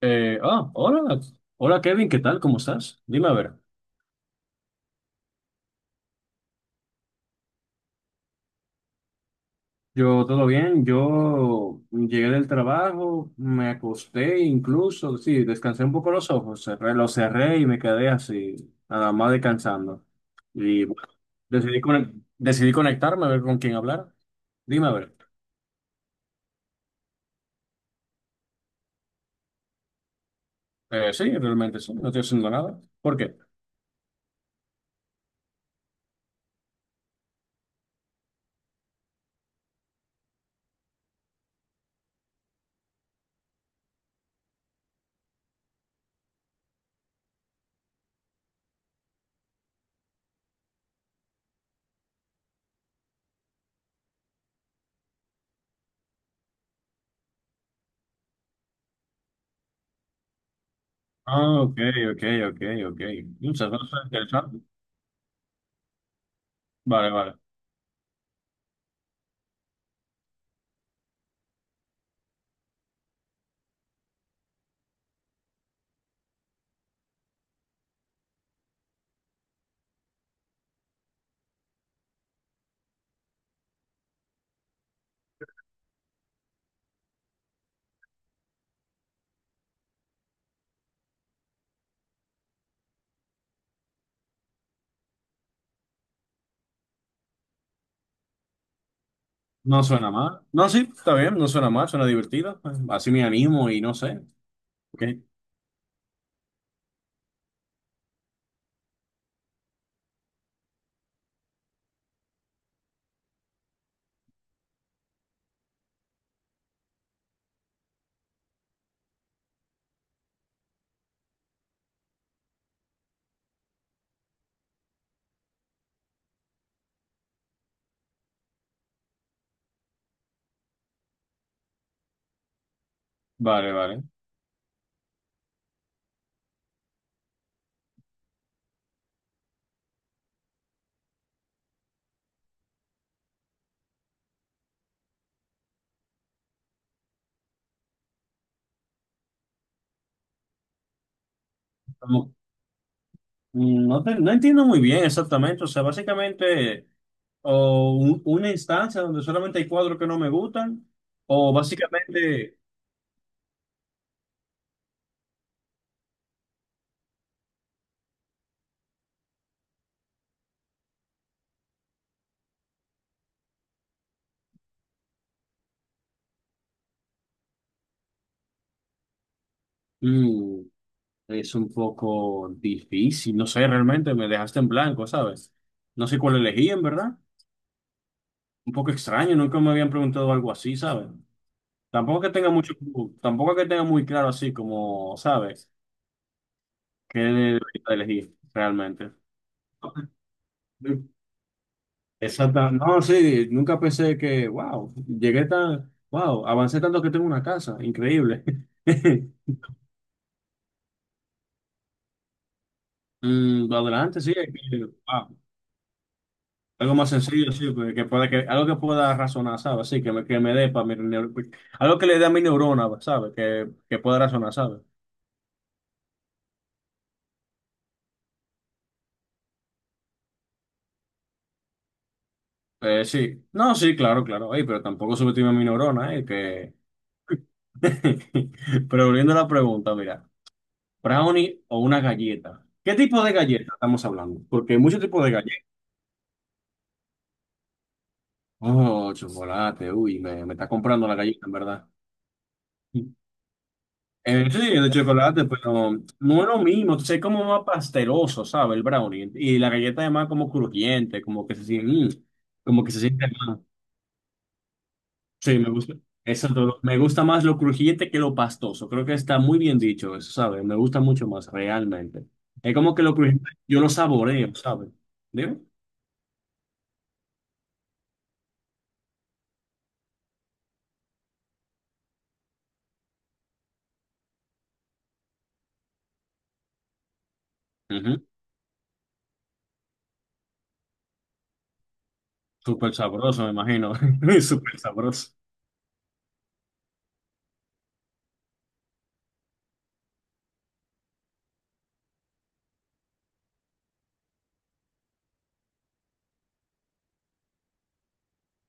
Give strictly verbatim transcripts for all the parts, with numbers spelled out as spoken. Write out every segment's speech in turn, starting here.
Eh, ah, hola, hola Kevin, ¿qué tal? ¿Cómo estás? Dime a ver. Yo todo bien, yo llegué del trabajo, me acosté incluso, sí, descansé un poco los ojos, cerré, los cerré y me quedé así, nada más descansando. Y bueno, decidí, conec- decidí conectarme a ver con quién hablar. Dime a ver. Eh, sí, realmente sí, no estoy haciendo nada. ¿Por qué? Ah, ok, ok, ok, ok. Muchas gracias, interesante. Vale, vale. No suena mal. No, sí, está bien, no suena mal, suena divertido. Así me animo y no sé. Ok, vale, vale. Como- No, te- no entiendo muy bien exactamente. O sea, básicamente, o un- una instancia donde solamente hay cuadros que no me gustan, o básicamente, mm, es un poco difícil. No sé, realmente me dejaste en blanco, ¿sabes? No sé cuál elegí, en verdad. Un poco extraño, nunca me habían preguntado algo así, ¿sabes? Tampoco que tenga mucho, tampoco que tenga muy claro así como, ¿sabes? ¿Qué debería elegir realmente? Exacta. No, sí, nunca pensé que, wow, llegué tan, wow, avancé tanto que tengo una casa, increíble. Mm, adelante, sí, es que, wow, algo más sencillo, sí, pues, que pueda, que, algo que pueda razonar, ¿sabes? Sí, que me, que me dé para mi, neur- algo que le dé a mi neurona, ¿sabes? Que, que pueda razonar, ¿sabes? Eh, sí, no, sí, claro, claro, ey, pero tampoco subestime a mi neurona, eh, que... Pero volviendo a la pregunta, mira. Brownie o una galleta. ¿Qué tipo de galleta estamos hablando? Porque hay muchos tipos de galletas. Oh, chocolate, uy, me, me está comprando la galleta, en verdad. Eh, sí, de chocolate, pero no es lo mismo, entonces es como más pasteroso, ¿sabes? El brownie. Y la galleta además como crujiente, como que se siente, mm, como que se siente más. Sí, me gusta. Eso, todo. Me gusta más lo crujiente que lo pastoso. Creo que está muy bien dicho eso, ¿sabes? Me gusta mucho más, realmente. Es como que lo crujiente yo lo saboreo, ¿sabes? ¿Dime? Ujú. Súper sabroso, me imagino. Súper sabroso.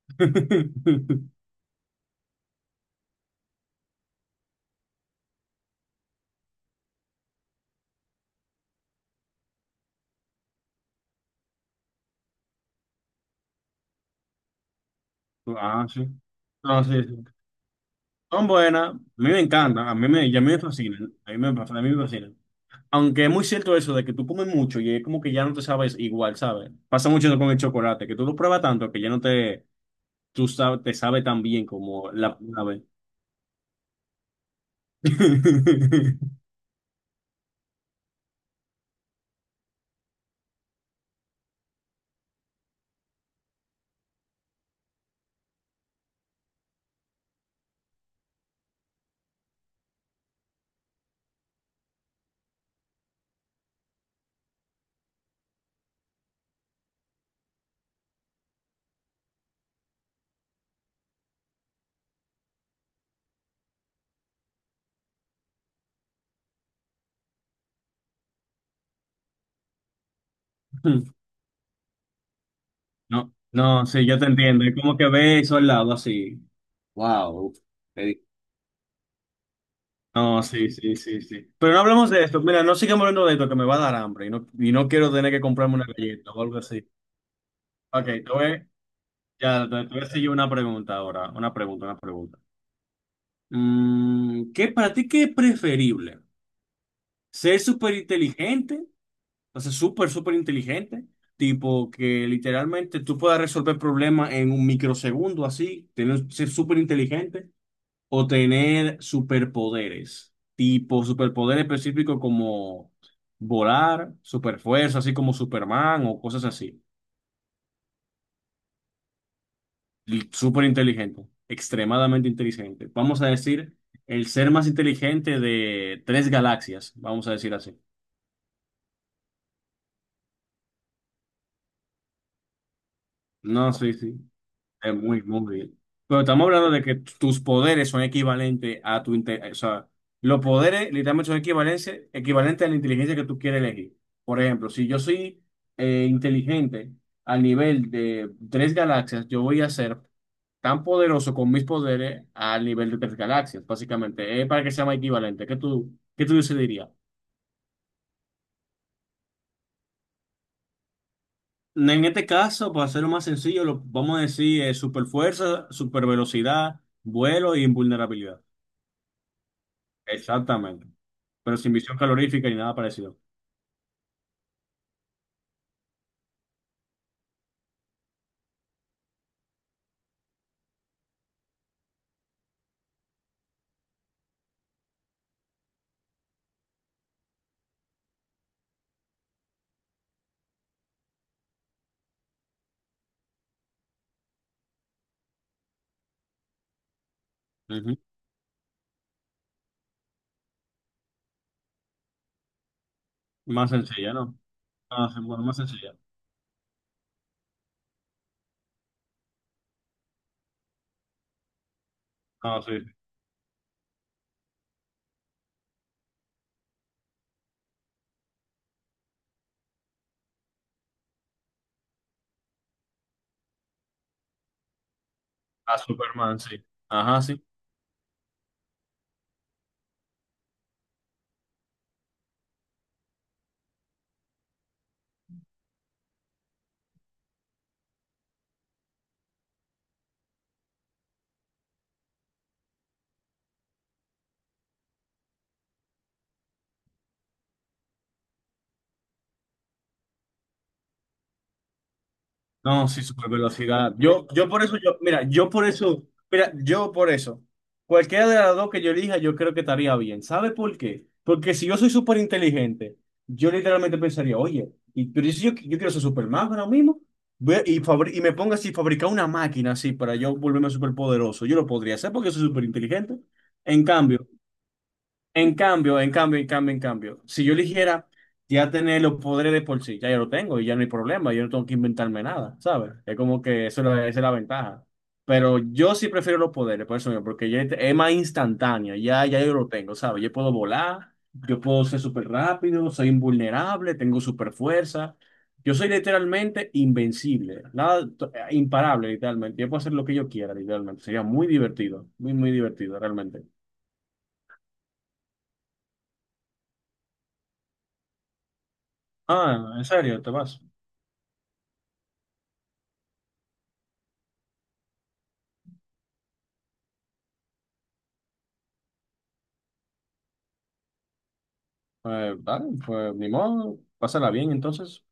Ah, sí. No, sí, sí. Son buenas. A mí me encantan. A mí me, y a mí me fascinan. A mí me, a mí me fascinan. Aunque es muy cierto eso de que tú comes mucho y es como que ya no te sabes igual, ¿sabes? Pasa mucho con el chocolate, que tú lo pruebas tanto que ya no te, tú sabes, te sabe tan bien como la primera vez. No, no, sí, yo te entiendo. Es como que ves eso al lado así. Wow, es... No, sí, sí, sí, sí. Pero no hablemos de esto. Mira, no sigamos hablando de esto, que me va a dar hambre y no, y no quiero tener que comprarme una galleta o algo así. Ok, te voy, ya, te, te voy a hacer yo una pregunta ahora. Una pregunta, una pregunta. Mm, ¿qué para ti qué es preferible? ¿Ser súper inteligente? O sea, súper, súper inteligente. Tipo que literalmente tú puedas resolver problemas en un microsegundo así, tener, ser súper inteligente. O tener superpoderes, tipo superpoder específico como volar, superfuerza, así como Superman o cosas así. Y súper inteligente, extremadamente inteligente. Vamos a decir, el ser más inteligente de tres galaxias, vamos a decir así. No, sí, sí. Es muy, muy bien. Pero estamos hablando de que t- tus poderes son equivalentes a tu inte- o sea, los poderes literalmente son equivalentes, equivalentes a la inteligencia que tú quieres elegir. Por ejemplo, si yo soy eh, inteligente al nivel de tres galaxias, yo voy a ser tan poderoso con mis poderes al nivel de tres galaxias, básicamente. Es para que sea más equivalente. ¿Qué tú, qué tú dirías? En este caso, para hacerlo más sencillo, lo, vamos a decir super fuerza, super velocidad, vuelo e invulnerabilidad. Exactamente. Pero sin visión calorífica ni nada parecido. Ujú. Más sencilla, ¿no? Ah, sí, bueno, más sencilla. Ah, sí. A Superman, sí. Ajá, sí. No, sí, super velocidad. Yo, yo por eso, yo, mira, yo por eso, mira, yo por eso. Cualquiera de las dos que yo elija, yo creo que estaría bien. ¿Sabe por qué? Porque si yo soy súper inteligente, yo literalmente pensaría, oye, y, pero si yo, yo quiero ser Superman ahora mismo, voy a- y, fabri- y me ponga así, fabricar una máquina así para yo volverme súper poderoso, yo lo podría hacer porque soy súper inteligente. En cambio, en cambio, en cambio, en cambio, en cambio, si yo eligiera ya tener los poderes de por sí, ya yo lo tengo y ya no hay problema, yo no tengo que inventarme nada, ¿sabes? Es como que eso es la- esa es la ventaja. Pero yo sí prefiero los poderes, por eso mismo, porque ya es es más instantáneo, ya, ya yo lo tengo, ¿sabes? Yo puedo volar, yo puedo ser súper rápido, soy invulnerable, tengo súper fuerza. Yo soy literalmente invencible, nada, to- eh, imparable, literalmente. Yo puedo hacer lo que yo quiera, literalmente. Sería muy divertido, muy, muy divertido, realmente. Ah, ¿en serio? ¿Te vas? Eh, dale, pues ni modo, pásala bien entonces.